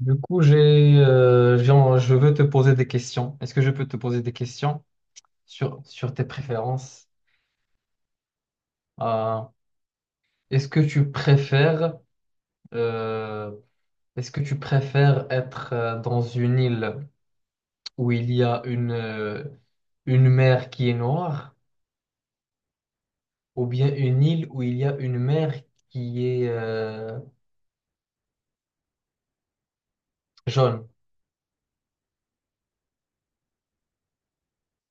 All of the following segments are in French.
Du coup, je veux te poser des questions. Est-ce que je peux te poser des questions sur tes préférences? Euh, est-ce que tu préfères, euh, est-ce que tu préfères être dans une île où il y a une mer qui est noire, ou bien une île où il y a une mer qui est jaune?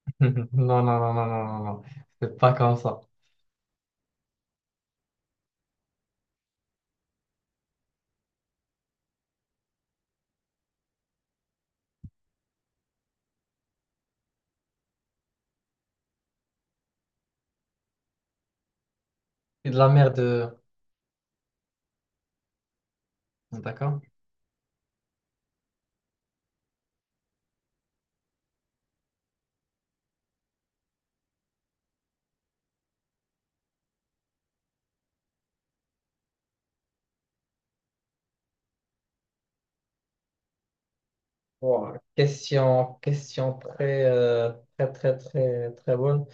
Non, non, non, non, non, non, non. C'est pas comme ça. C'est de la mer de. D'accord? Wow, question, très, très, très, très, très bonne.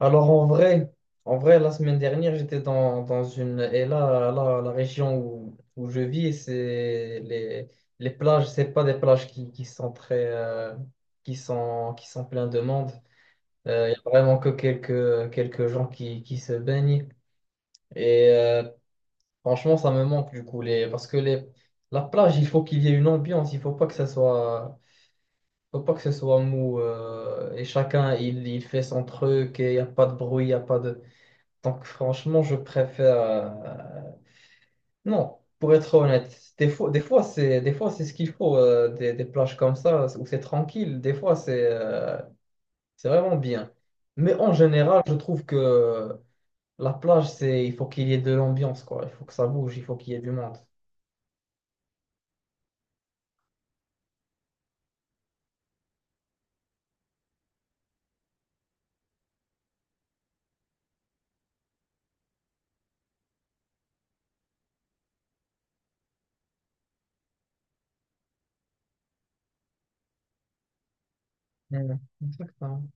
Alors, en vrai, la semaine dernière, j'étais dans une. Et là, la région où je vis, c'est les, les plages, c'est pas des plages qui sont très. Qui sont pleines de monde. Il y a vraiment que quelques gens qui se baignent. Et franchement, ça me manque du coup. Parce que la plage, il faut qu'il y ait une ambiance. Il faut pas que ça soit. Faut pas que ce soit mou, et chacun il fait son truc, et il n'y a pas de bruit, il n'y a pas de. Donc, franchement, je préfère. Non, pour être honnête, des fois c'est ce qu'il faut, des plages comme ça où c'est tranquille, des fois c'est vraiment bien. Mais, en général, je trouve que la plage, c'est il faut qu'il y ait de l'ambiance, quoi. Il faut que ça bouge, il faut qu'il y ait du monde. Mm. Exactement.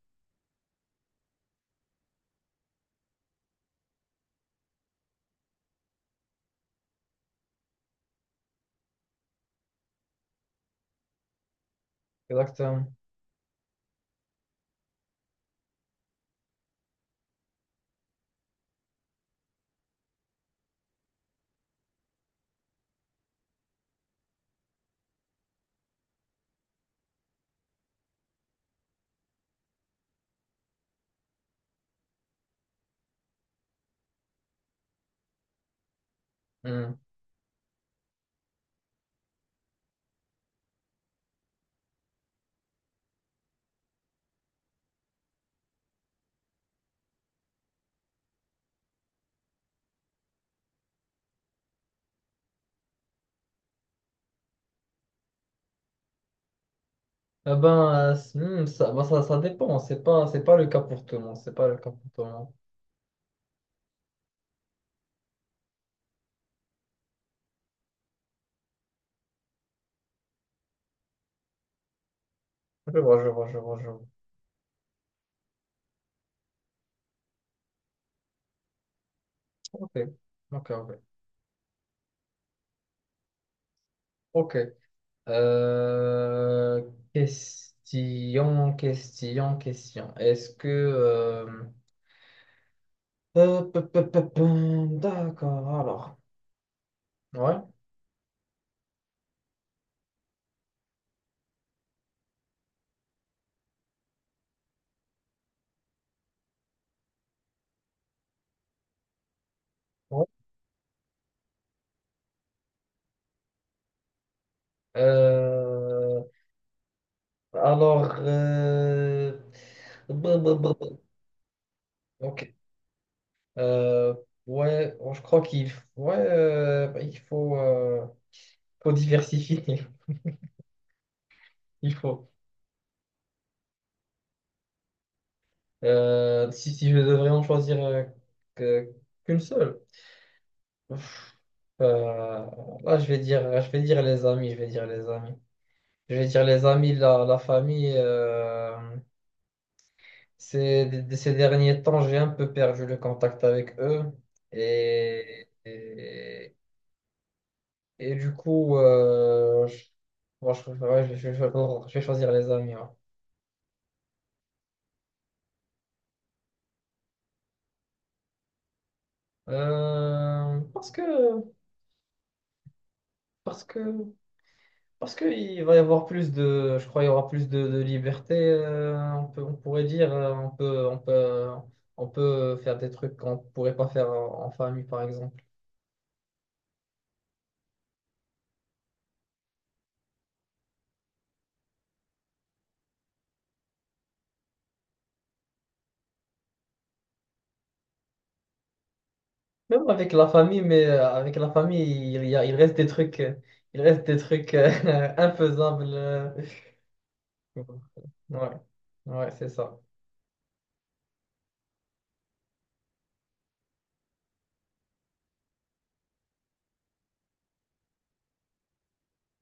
Exactement. Mm. Ah ben, ça, ben, ça dépend. C'est pas le cas pour tout le monde. C'est pas le cas pour tout le monde. Je vois, je vois, je vois, je vois. Ok, ok, ok. Ok. Euh, question. Est-ce que, d'accord, alors. Ouais. Ouais. Euh, alors, brr, brr, brr, brr. Ok. Euh, ouais, bon, je crois qu'il, ouais, il faut, faut diversifier, il faut. Si je devrais en choisir, que- qu'une seule, ouf, euh, là je vais dire les amis, je vais dire les amis, je vais dire les amis, la famille. Ces derniers temps, j'ai un peu perdu le contact avec eux, et, et, et du coup, bon, ouais, je vais choisir les amis. Ouais. Euh, parce que, parce que Parce qu'il va y avoir plus de, je crois, il y aura plus de, liberté, on pourrait dire, on peut faire des trucs qu'on ne pourrait pas faire en famille, par exemple. Même avec la famille, mais avec la famille, il reste des trucs, il reste des trucs euh, infaisables. Ouais, ouais, c'est ça.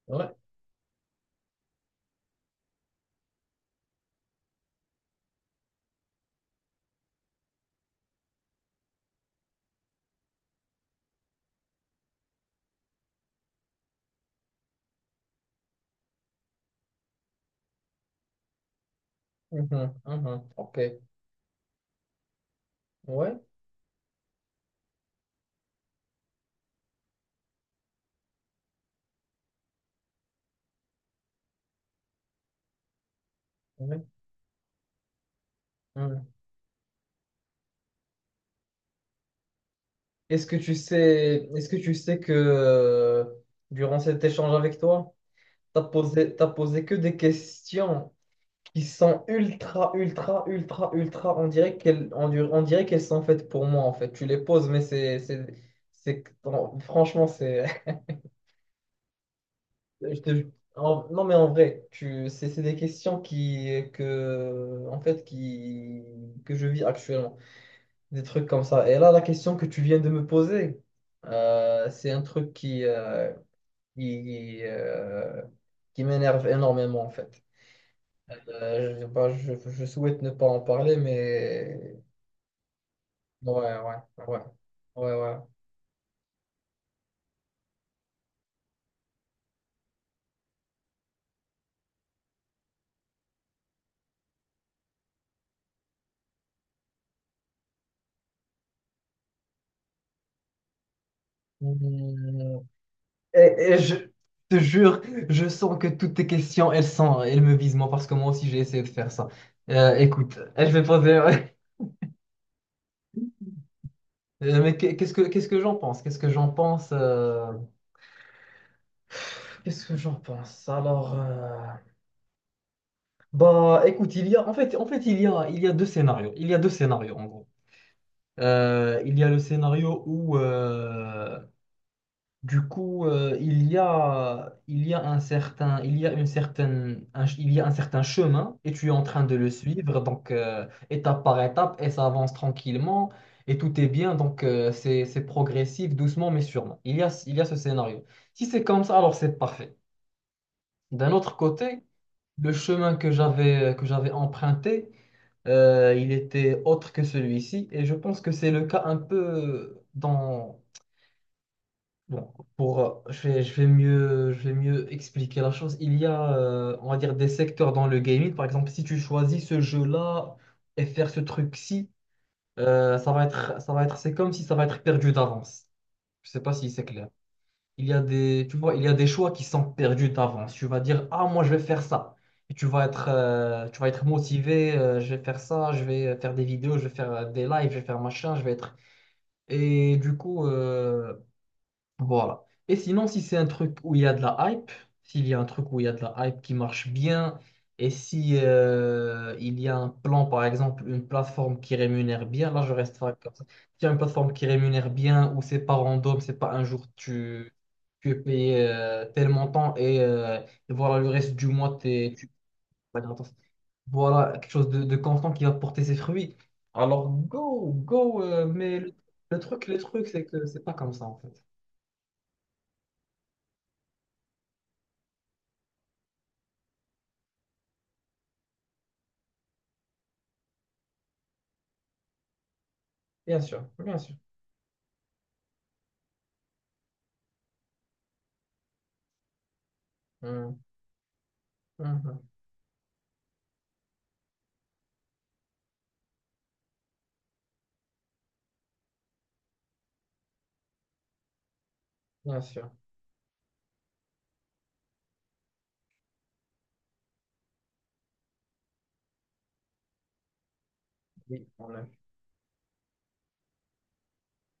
Ouais. Mhm, mhm. Ok. Ouais. Ouais. Mhm. Est-ce que tu sais que, durant cet échange avec toi, t'as posé que des questions qui sont ultra, ultra, ultra, ultra. On dirait qu'elles, on dirait qu'elles sont faites pour moi, en fait. Tu les poses, mais non, franchement, c'est. je te- non, mais en vrai, c'est des questions en fait, que je vis actuellement. Des trucs comme ça. Et là, la question que tu viens de me poser, c'est un truc qui, euh, qui m'énerve énormément, en fait. Bah, je souhaite ne pas en parler, mais ouais, ouais, ouais, ouais, ouais. Mm. Et, et je te jure, je sens que toutes tes questions, elles sont, elles me visent moi, parce que moi aussi j'ai essayé de faire ça. Écoute, je vais poser. Mais qu'est-ce que j'en pense? Qu'est-ce que j'en pense? Qu'est-ce que j'en pense? Alors, bah, écoute, il y a en fait, il y a deux scénarios. Il y a deux scénarios en gros. Il y a le scénario où, du coup, il y a une certaine, il y a un certain chemin, et tu es en train de le suivre, donc étape par étape et ça avance tranquillement et tout est bien, donc c'est progressif, doucement mais sûrement. Il y a ce scénario. Si c'est comme ça, alors c'est parfait. D'un autre côté, le chemin que j'avais emprunté, il était autre que celui-ci, et je pense que c'est le cas un peu dans. Bon, je vais mieux expliquer la chose. Il y a, on va dire, des secteurs dans le gaming. Par exemple, si tu choisis ce jeu-là et faire ce truc-ci, c'est comme si ça va être perdu d'avance. Je sais pas si c'est clair. Il y a des, tu vois, il y a des choix qui sont perdus d'avance. Tu vas dire, ah, moi, je vais faire ça. Et tu vas être motivé. Je vais faire ça. Je vais faire des vidéos. Je vais faire des lives. Je vais faire machin. Je vais être. Et du coup. Voilà. Et sinon, si c'est un truc où il y a de la hype, s'il y a un truc où il y a de la hype qui marche bien, et si il y a un plan, par exemple, une plateforme qui rémunère bien, là je reste vague comme ça. S'il y a une plateforme qui rémunère bien, où c'est pas random, c'est pas un jour tu, tu es payé, tel montant, et voilà, le reste du mois t'es, tu pas gratos. Voilà quelque chose de constant qui va porter ses fruits. Alors go, go, mais le truc, c'est que c'est pas comme ça en fait. Bien sûr, bien sûr. Mhm, mhm. Bien sûr. Oui, on a